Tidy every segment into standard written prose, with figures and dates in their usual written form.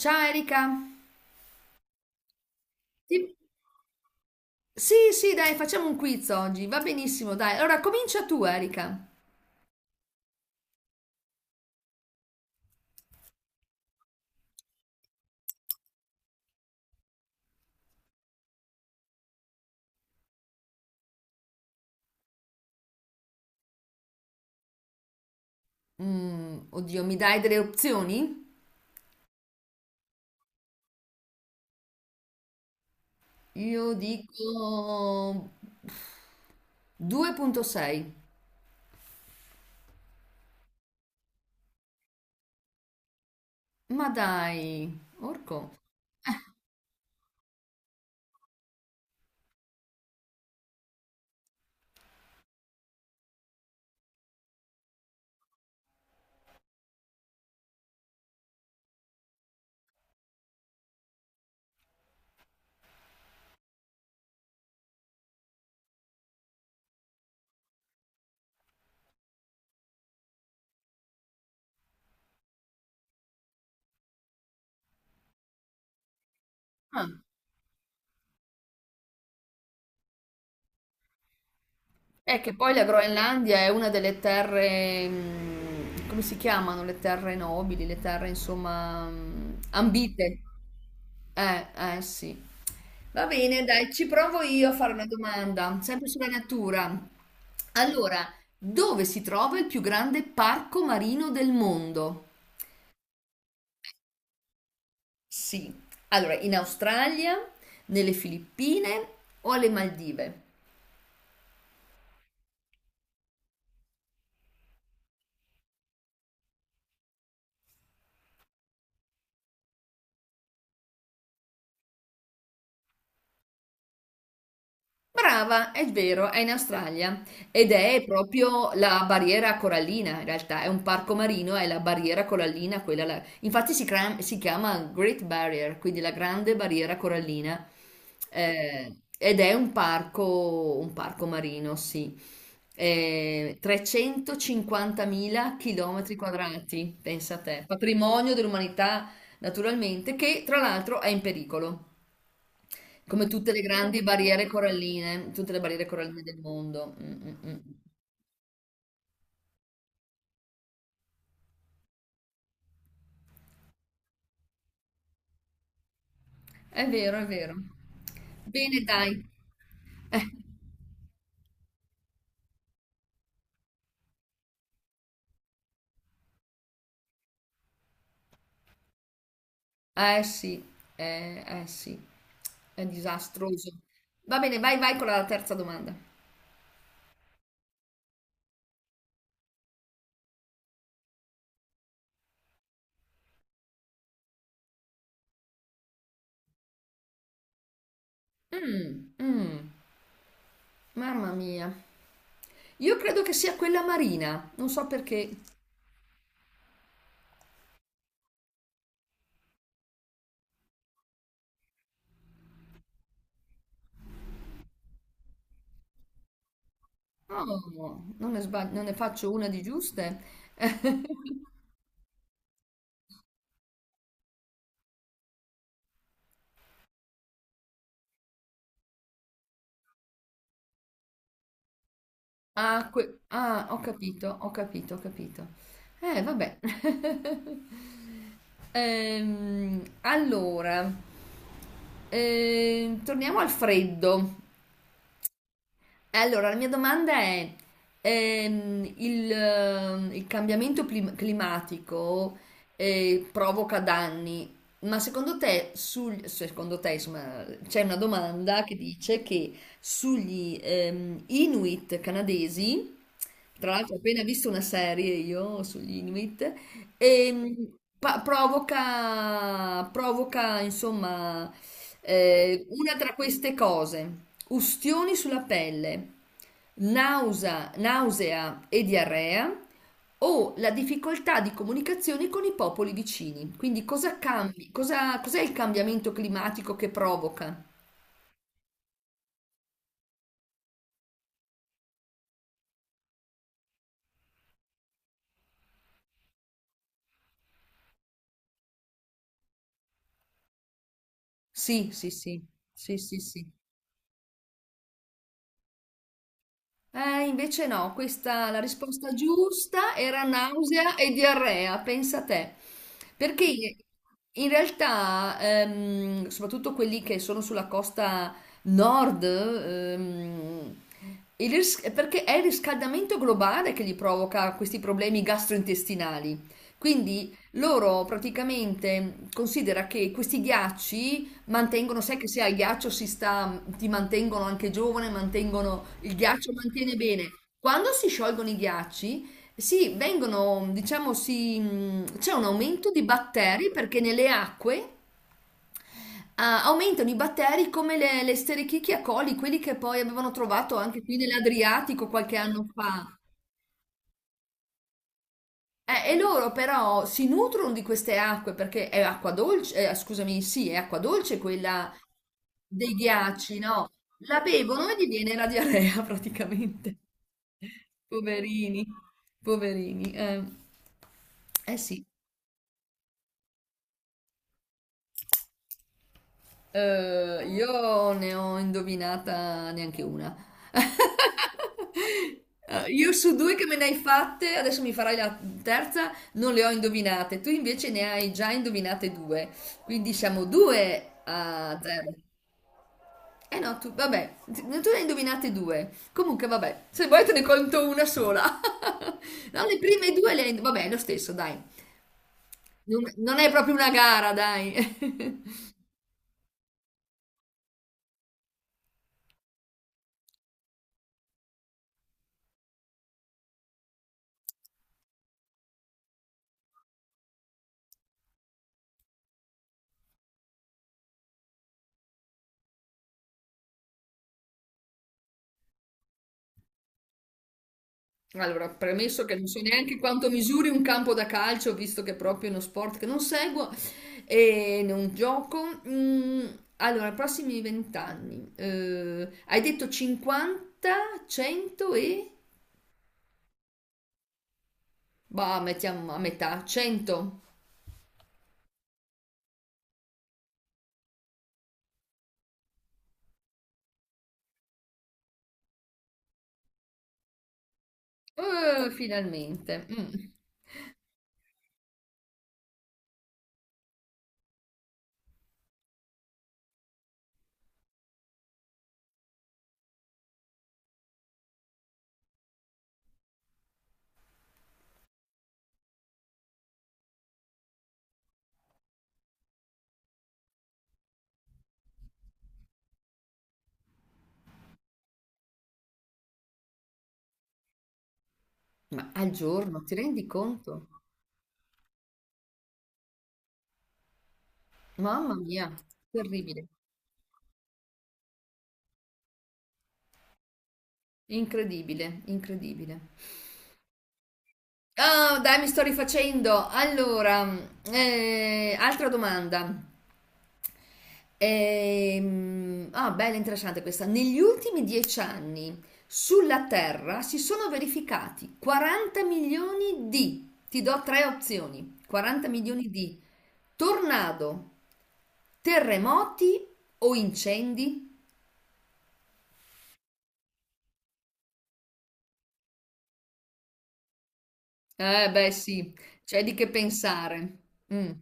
Ciao, Erika. Ti- Sì, sì, dai, facciamo un quiz oggi. Va benissimo, dai. Allora, comincia tu, Erika. Mm, oddio, mi dai delle opzioni? Io dico 2.6. Ma dai, orco. Ah, è che poi la Groenlandia è una delle terre, come si chiamano? Le terre nobili, le terre insomma ambite. Eh, eh sì. Va bene, dai, ci provo io a fare una domanda, sempre sulla natura. Allora, dove si trova il più grande parco marino del mondo? Sì. Allora, in Australia, nelle Filippine o alle Maldive? Brava, è vero, è in Australia ed è proprio la barriera corallina, in realtà è un parco marino, è la barriera corallina, infatti si chiama Great Barrier, quindi la grande barriera corallina. Eh, ed è un parco marino, sì. 350.000 chilometri quadrati, pensa a te, patrimonio dell'umanità naturalmente, che tra l'altro è in pericolo. Come tutte le grandi barriere coralline, tutte le barriere coralline del mondo. Mm, mm, mm. È vero, è vero. Bene, dai. Eh, eh sì, eh sì, è disastroso. Va bene, vai, vai con la terza domanda. Mm, mm, mamma mia. Io credo che sia quella marina, non so perché. Oh, non ne faccio una di giuste. Ah, ho capito, ho capito, ho capito. Vabbè. Allora, torniamo al freddo. E allora, la mia domanda è, il cambiamento climatico, provoca danni, ma secondo te, insomma, c'è una domanda che dice che sugli Inuit canadesi, tra l'altro ho appena visto una serie io sugli Inuit, e, provoca, insomma, una tra queste cose: ustioni sulla pelle, nausea e diarrea, o la difficoltà di comunicazione con i popoli vicini. Quindi, cosa cambi? Cos'è il cambiamento climatico che provoca? Sì, sì, sì, sì, sì, sì. Invece no, questa la risposta giusta era nausea e diarrea, pensa te. Perché in realtà, soprattutto quelli che sono sulla costa nord, perché è il riscaldamento globale che gli provoca questi problemi gastrointestinali. Quindi loro praticamente considera che questi ghiacci mantengono, sai che se al ghiaccio si sta, ti mantengono anche giovane, mantengono, il ghiaccio mantiene bene. Quando si sciolgono i ghiacci, sì, vengono, diciamo, c'è un aumento di batteri perché nelle acque, aumentano i batteri come le Escherichia coli, quelli che poi avevano trovato anche qui nell'Adriatico qualche anno fa. E loro però si nutrono di queste acque perché è acqua dolce, scusami, sì, è acqua dolce quella dei ghiacci, no? La bevono e gli viene la diarrea praticamente. Poverini, poverini. Eh sì. Io ne ho indovinata neanche una. Io su due che me ne hai fatte, adesso mi farai la terza, non le ho indovinate. Tu invece ne hai già indovinate due. Quindi siamo due a zero. Eh no, tu, vabbè, no, tu ne hai indovinate due. Comunque, vabbè, se vuoi te ne conto una sola. No, le prime due le hai. Vabbè, è lo stesso, dai. Non è proprio una gara, dai. Allora, premesso che non so neanche quanto misuri un campo da calcio, visto che è proprio uno sport che non seguo e non gioco. Allora, prossimi vent'anni. Hai detto 50, 100 e... Bah, mettiamo a metà, 100. Finalmente. Mm. Ma al giorno, ti rendi conto? Mamma mia, terribile. Incredibile, incredibile. Ah, dai, mi sto rifacendo. Allora, altra domanda. Ah, bella, interessante questa. Negli ultimi dieci anni sulla Terra si sono verificati 40 milioni di, ti do tre opzioni, 40 milioni di tornado, terremoti o incendi? Beh, sì, c'è di che pensare. Mm.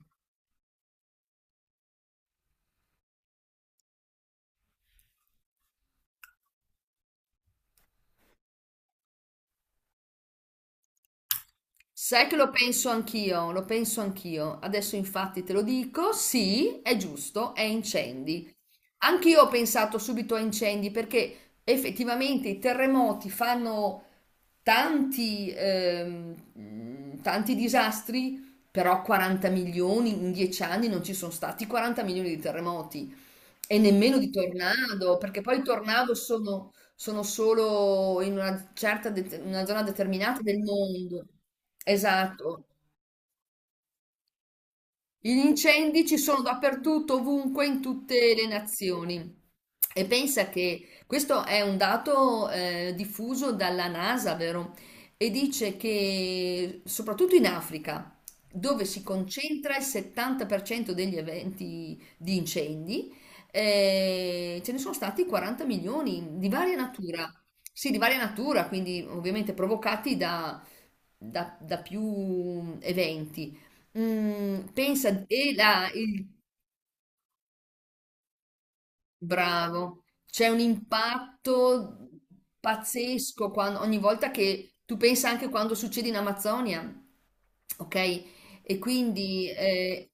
Sai che lo penso anch'io, lo penso anch'io. Adesso infatti te lo dico, sì, è giusto, è incendi. Anch'io ho pensato subito a incendi perché effettivamente i terremoti fanno tanti disastri, però 40 milioni in 10 anni non ci sono stati 40 milioni di terremoti e nemmeno di tornado, perché poi i tornado sono solo in una una zona determinata del mondo. Esatto. Gli incendi ci sono dappertutto, ovunque, in tutte le nazioni. E pensa che questo è un dato, diffuso dalla NASA, vero? E dice che soprattutto in Africa, dove si concentra il 70% degli eventi di incendi, ce ne sono stati 40 milioni di varia natura. Sì, di varia natura, quindi ovviamente provocati da più eventi. Pensa, e là, bravo, c'è un impatto pazzesco ogni volta che tu pensa anche quando succede in Amazzonia, ok? E quindi,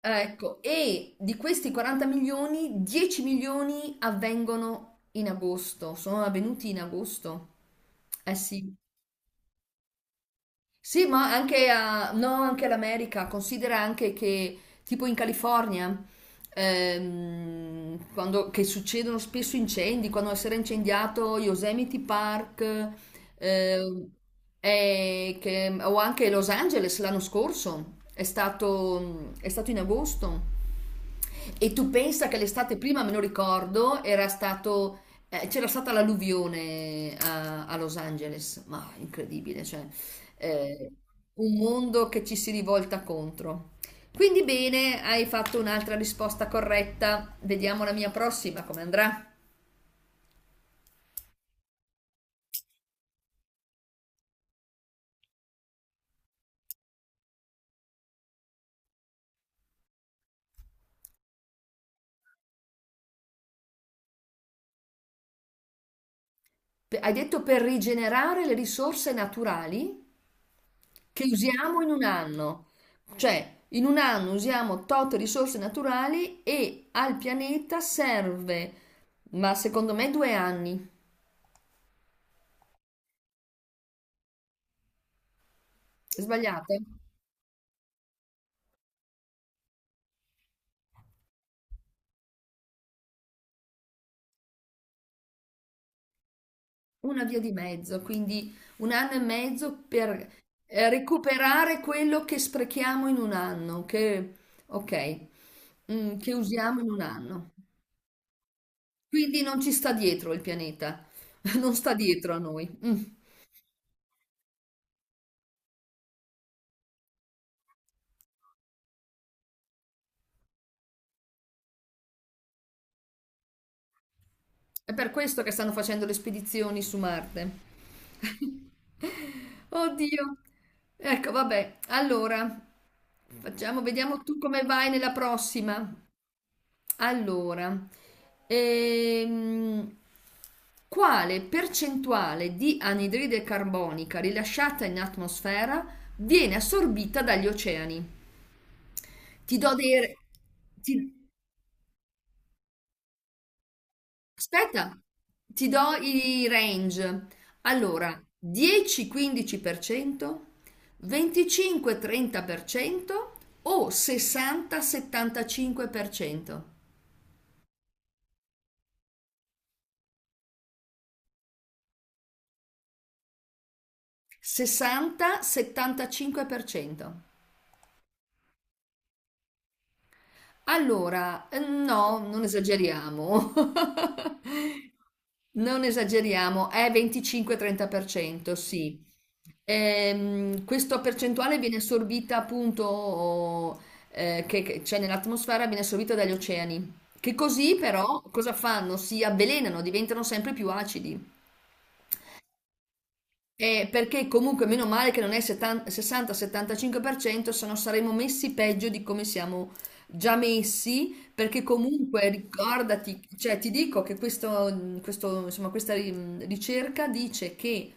ecco, e di questi 40 milioni, 10 milioni avvengono in agosto, sono avvenuti in agosto. Eh sì. Sì, ma anche, no, anche all'America, considera anche che tipo in California, che succedono spesso incendi, quando si era incendiato Yosemite Park, ehm, o anche Los Angeles l'anno scorso, è stato in agosto. E tu pensa che l'estate prima, me lo ricordo, c'era stata l'alluvione a Los Angeles, ma incredibile, cioè, eh, un mondo che ci si rivolta contro. Quindi bene, hai fatto un'altra risposta corretta. Vediamo la mia prossima come andrà. Hai detto per rigenerare le risorse naturali che usiamo in un anno. Cioè, in un anno usiamo tot risorse naturali e al pianeta serve, ma secondo me due anni. Sbagliate? Una via di mezzo, quindi un anno e mezzo per recuperare quello che sprechiamo in un anno, ok, che usiamo in un anno. Quindi non ci sta dietro il pianeta, non sta dietro a noi. Mm. È per questo che stanno facendo le spedizioni su Marte. Oddio. Ecco, vabbè. Allora, vediamo tu come vai nella prossima. Allora, ehm, quale percentuale di anidride carbonica rilasciata in atmosfera viene assorbita dagli oceani? Ti do dei... re- ti- aspetta, ti do i range. Allora, 10-15%, 25-30% o 60-75%? 60-75%. Allora, no, non esageriamo. Non esageriamo, è 25-30%, sì. Questa percentuale viene assorbita appunto, che c'è nell'atmosfera, viene assorbita dagli oceani, che così però cosa fanno? Si avvelenano, diventano sempre più acidi. Perché comunque meno male che non è 70 60-75%, se no saremmo messi peggio di come siamo già messi, perché comunque ricordati, cioè ti dico che insomma, questa ricerca dice che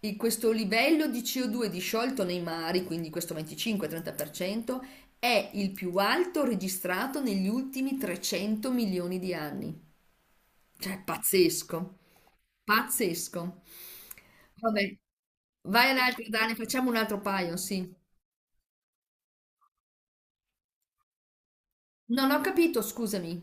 questo livello di CO2 disciolto nei mari, quindi questo 25-30%, è il più alto registrato negli ultimi 300 milioni di anni. Cioè, è pazzesco. Pazzesco. Vabbè, vai ad altri, Dani, facciamo un altro paio, sì. Non ho capito, scusami.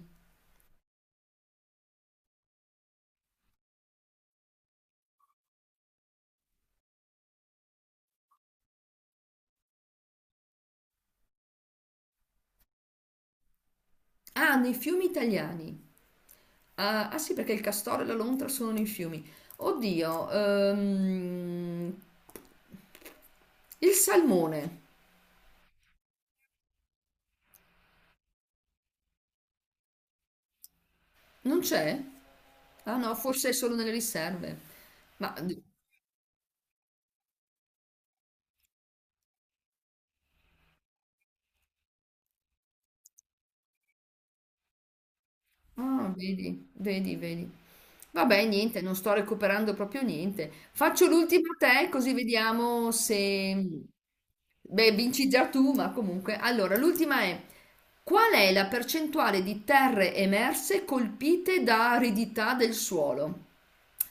Ah, nei fiumi italiani. Ah sì, perché il castoro e la lontra sono nei fiumi. Oddio, il salmone non c'è? Ah no, forse è solo nelle riserve. Ma Ah, vedi, vedi, vedi. Vabbè, niente, non sto recuperando proprio niente. Faccio l'ultima a te, così vediamo se. Beh, vinci già tu, ma comunque. Allora, l'ultima è: qual è la percentuale di terre emerse colpite da aridità del suolo?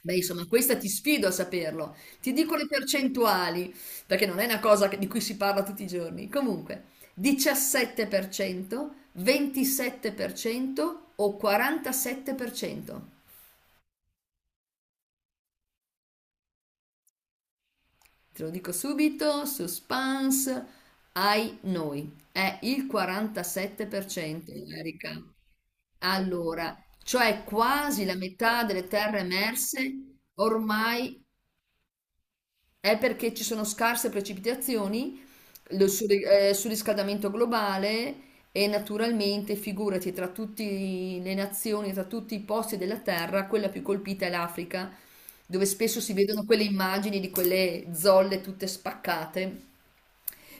Beh, insomma, questa ti sfido a saperlo. Ti dico le percentuali, perché non è una cosa di cui si parla tutti i giorni. Comunque. 17%, 27% o 47%. Te lo dico subito, suspense, ai noi. È il 47%, Erika. Allora, cioè quasi la metà delle terre emerse ormai è perché ci sono scarse precipitazioni surriscaldamento globale e naturalmente, figurati, tra tutte le nazioni, tra tutti i posti della Terra, quella più colpita è l'Africa, dove spesso si vedono quelle immagini di quelle zolle tutte spaccate,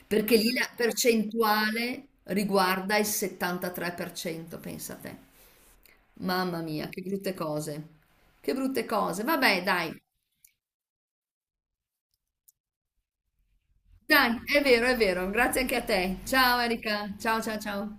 perché lì la percentuale riguarda il 73%, pensa te. Mamma mia, che brutte cose. Che brutte cose. Vabbè, dai. Dai, è vero, è vero. Grazie anche a te. Ciao, Erika. Ciao, ciao, ciao.